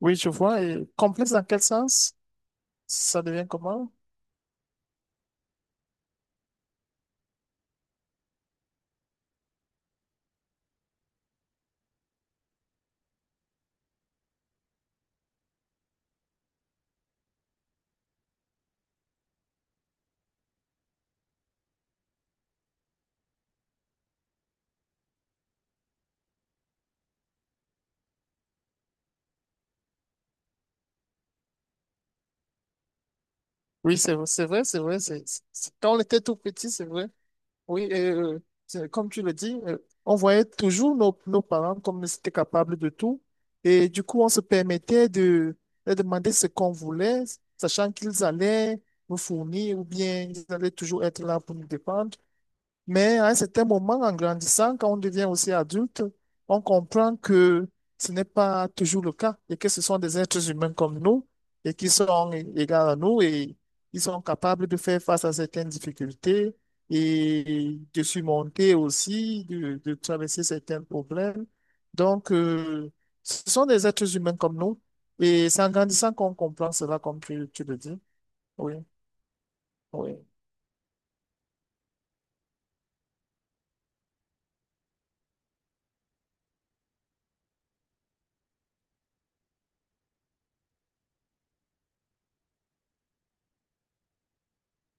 Oui, je vois. Et complexe dans quel sens? Ça devient comment? Oui, c'est vrai, c'est vrai. Quand on était tout petit, c'est vrai. Oui, et, comme tu le dis, on voyait toujours nos parents comme ils étaient capables de tout. Et du coup, on se permettait de demander ce qu'on voulait, sachant qu'ils allaient nous fournir ou bien ils allaient toujours être là pour nous dépendre. Mais à un certain moment, en grandissant, quand on devient aussi adulte, on comprend que ce n'est pas toujours le cas et que ce sont des êtres humains comme nous et qui sont égaux à nous et ils sont capables de faire face à certaines difficultés et de surmonter aussi, de traverser certains problèmes. Donc, ce sont des êtres humains comme nous et c'est en grandissant qu'on comprend cela, comme tu le dis. Oui, oui.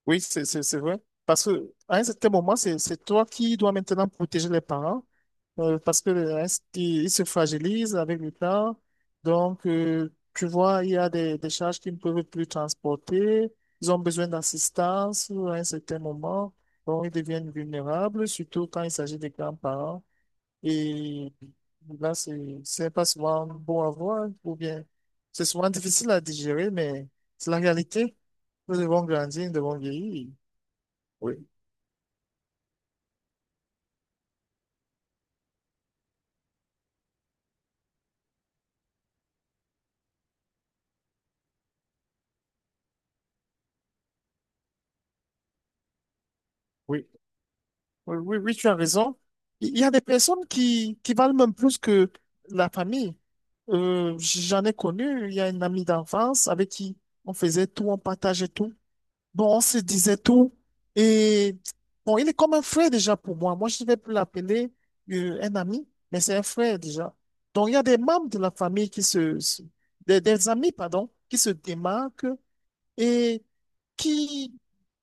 Oui, c'est vrai. Parce que à un certain moment, c'est toi qui dois maintenant protéger les parents. Parce que ils se fragilisent avec le temps. Donc, tu vois, il y a des charges qu'ils ne peuvent plus transporter. Ils ont besoin d'assistance à un certain moment. Donc, ils deviennent vulnérables, surtout quand il s'agit des grands-parents. Et là, c'est pas souvent bon à voir, hein, ou bien c'est souvent difficile à digérer, mais c'est la réalité. Nous devons grandir, nous devons vieillir. Oui, oui, oui, oui, oui, tu as raison. Il y a des personnes qui valent même plus que la famille. J'en ai connu, il y a une amie d'enfance avec qui on faisait tout, on partageait tout. Bon, on se disait tout. Et bon, il est comme un frère déjà pour moi. Moi, je ne vais plus l'appeler un ami, mais c'est un frère déjà. Donc, il y a des membres de la famille des amis, pardon, qui se démarquent et qui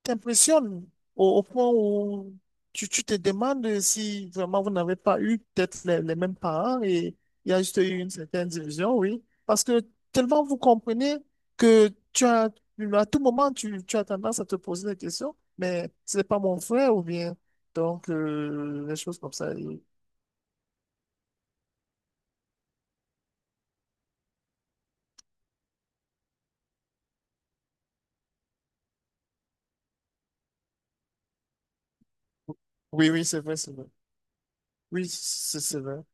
t'impressionne au point où tu te demandes si vraiment vous n'avez pas eu peut-être les mêmes parents et il y a juste eu une certaine division, oui. Parce que tellement vous comprenez que tu as, à tout moment, tu as tendance à te poser des questions, mais ce n'est pas mon frère ou bien. Donc, des choses comme ça. Et- Oui, oui, c'est vrai, c'est vrai. Oui, c'est vrai.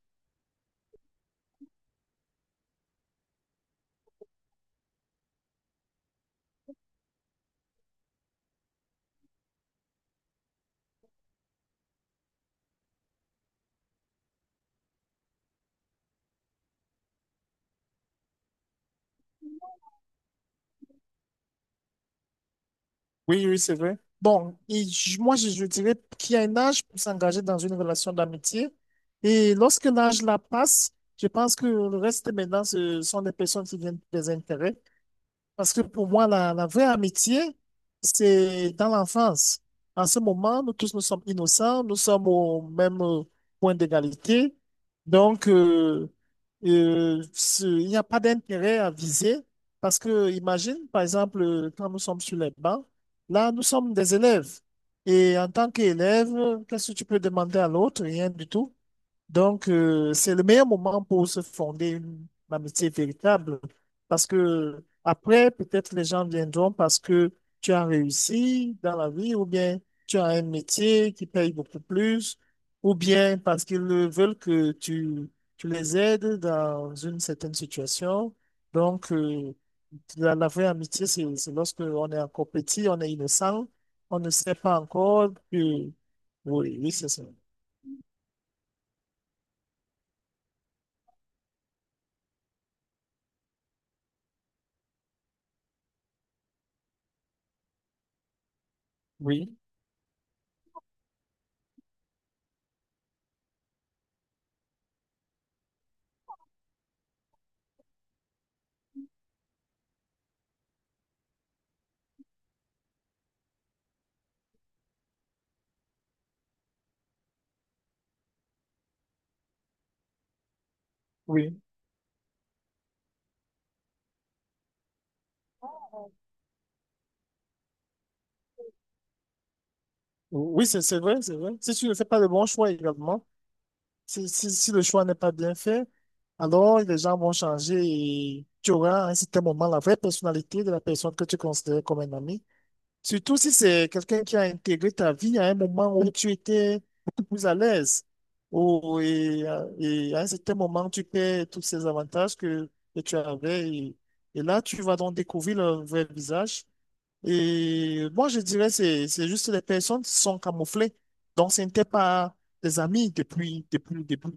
Oui, oui, c'est vrai. Bon, et j- moi, je dirais qu'il y a un âge pour s'engager dans une relation d'amitié. Et lorsque l'âge la passe, je pense que le reste maintenant, ce sont des personnes qui viennent des intérêts. Parce que pour moi, la vraie amitié, c'est dans l'enfance. En ce moment, nous tous, nous sommes innocents, nous sommes au même point d'égalité. Donc, il n'y a pas d'intérêt à viser. Parce que, imagine, par exemple, quand nous sommes sur les bancs, là, nous sommes des élèves. Et en tant qu'élève, qu'est-ce que tu peux demander à l'autre? Rien du tout. Donc, c'est le meilleur moment pour se fonder une amitié véritable. Parce que après, peut-être les gens viendront parce que tu as réussi dans la vie, ou bien tu as un métier qui paye beaucoup plus, ou bien parce qu'ils veulent que tu les aides dans une certaine situation. Donc, la vraie amitié, c'est lorsque on est encore petit, on est innocent, on ne sait pas encore que... Oui, oui, c'est ça. Oui, oui, oui, c'est vrai, c'est vrai. Si tu ne fais pas le bon choix également, si le choix n'est pas bien fait, alors les gens vont changer et tu auras à un certain moment la vraie personnalité de la personne que tu considères comme un ami. Surtout si c'est quelqu'un qui a intégré ta vie à un moment où tu étais beaucoup plus à l'aise. Et à un certain moment, tu perds tous ces avantages que tu avais. Et là, tu vas donc découvrir leur vrai visage. Et moi, je dirais c'est juste les personnes qui sont camouflées. Donc, ce n'étaient pas des amis depuis le début.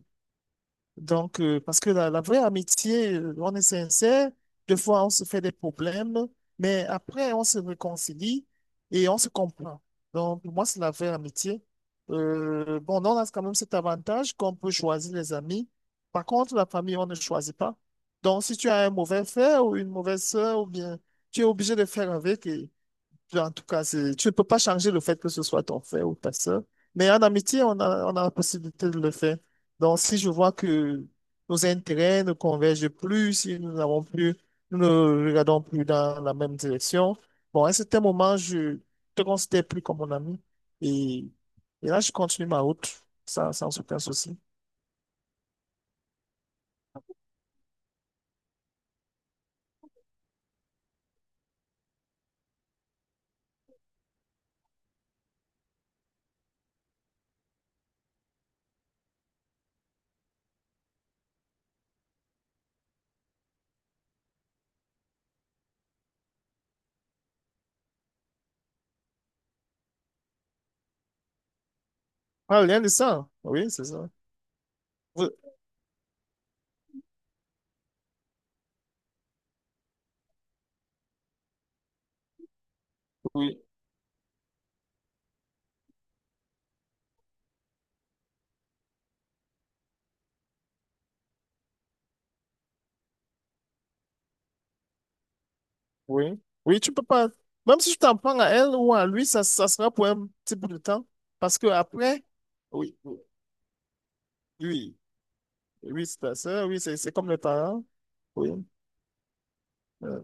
Donc, parce que la vraie amitié, on est sincère. Des fois, on se fait des problèmes, mais après, on se réconcilie et on se comprend. Donc, pour moi, c'est la vraie amitié. Bon, on a quand même cet avantage qu'on peut choisir les amis. Par contre, la famille, on ne choisit pas. Donc, si tu as un mauvais frère ou une mauvaise sœur, ou bien tu es obligé de faire avec. Et- en tout cas, c'est- tu ne peux pas changer le fait que ce soit ton frère ou ta sœur. Mais en amitié, on a la possibilité de le faire. Donc, si je vois que nos intérêts ne convergent plus, si nous n'avons plus, nous ne regardons plus dans la même direction, bon, à un certain moment, je te considère plus comme mon ami. Et, et là, je continue ma route sans aucun souci. Ah, rien de ça. Oui, c'est ça. Oui. oui. Oui. Oui, tu peux pas. Même si tu t'en prends à elle ou à lui, ça sera pour un petit bout de temps. Parce que après, oui, oui, oui, oui, c'est ta sœur, oui, c'est comme le parent. Oui. Euh,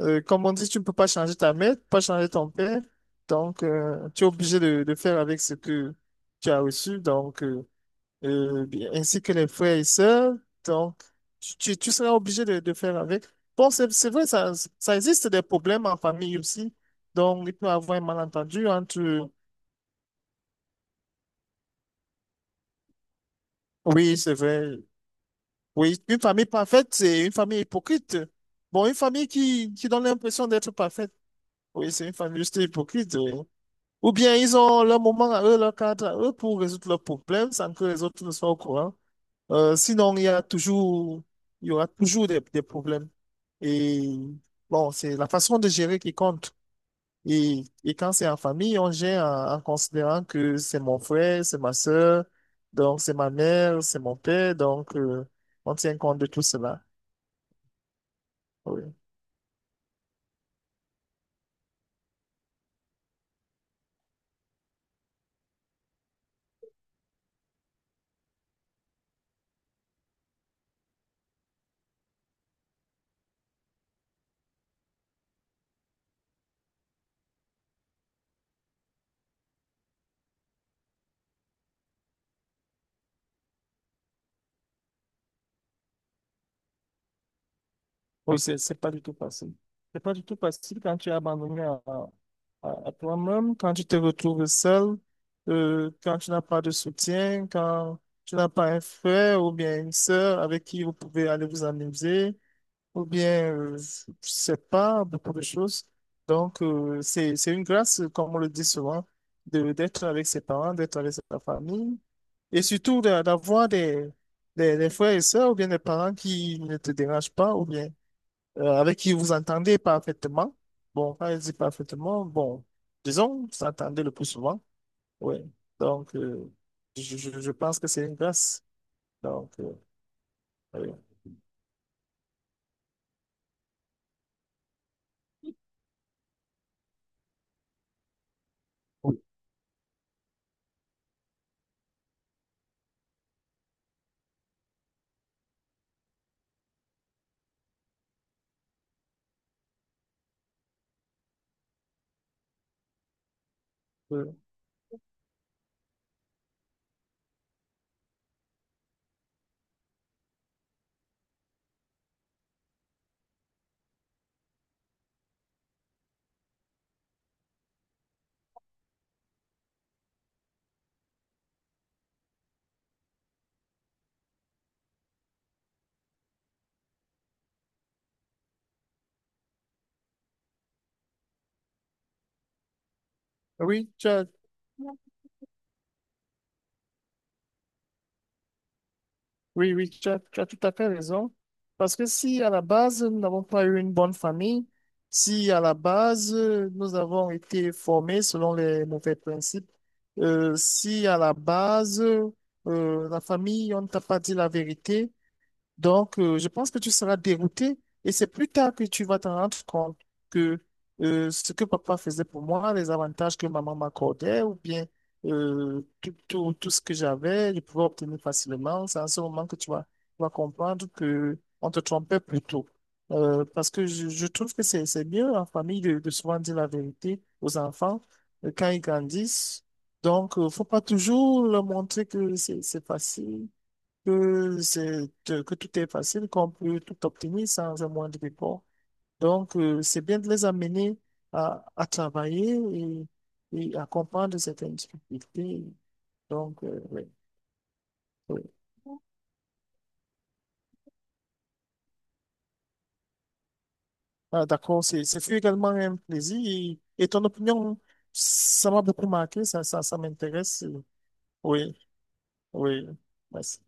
Comme on dit, tu ne peux pas changer ta mère, tu peux pas changer ton père. Donc, tu es obligé de faire avec ce que tu as reçu. Donc, euh, ainsi que les frères et sœurs. Donc, tu seras obligé de faire avec. Bon, c'est vrai, ça existe des problèmes en famille aussi. Donc, il peut y avoir un malentendu entre... Oui, c'est vrai. Oui, une famille parfaite, c'est une famille hypocrite. Bon, une famille qui donne l'impression d'être parfaite. Oui, c'est une famille juste hypocrite. Oui. Ou bien ils ont leur moment à eux, leur cadre à eux pour résoudre leurs problèmes sans que les autres ne soient au courant. Sinon, il y a toujours, il y aura toujours des problèmes. Et bon, c'est la façon de gérer qui compte. Et quand c'est en famille, on gère en considérant que c'est mon frère, c'est ma sœur, donc c'est ma mère, c'est mon père, donc on tient compte de tout cela. Oui. Oui, c'est pas du tout facile. C'est pas du tout facile quand tu es abandonné à toi-même, quand tu te retrouves seul, quand tu n'as pas de soutien, quand tu n'as pas un frère ou bien une sœur avec qui vous pouvez aller vous amuser, ou bien, je sais pas, beaucoup de choses. Donc, c'est une grâce, comme on le dit souvent, d'être avec ses parents, d'être avec sa famille, et surtout de- d'avoir des frères et sœurs ou bien des parents qui ne te dérangent pas, ou bien avec qui vous entendez parfaitement. Bon, quand je dis parfaitement, bon, disons, vous s'entendez le plus souvent. Oui. Donc, je pense que c'est une grâce. Donc, oui. Oui, Euh, oui, oui, oui, tu as tout à fait raison. Parce que si à la base, nous n'avons pas eu une bonne famille, si à la base, nous avons été formés selon les mauvais principes, si à la base, la famille, on ne t'a pas dit la vérité, donc, je pense que tu seras dérouté et c'est plus tard que tu vas t'en rendre compte que ce que papa faisait pour moi, les avantages que maman m'accordait ou bien tout ce que j'avais, je pouvais obtenir facilement. C'est à ce moment que tu vas comprendre que on te trompait plus tôt. Parce que je trouve que c'est mieux en famille de souvent dire la vérité aux enfants quand ils grandissent. Donc, faut pas toujours leur montrer que c'est facile que c'est, que tout est facile, qu'on peut tout obtenir sans un moindre effort. Donc, c'est bien de les amener à travailler et à comprendre certaines difficultés. Donc, oui, oui. Ah, d'accord, c'est, ce fut également un plaisir. Et ton opinion, ça m'a beaucoup marqué, ça m'intéresse. Oui, oui, merci.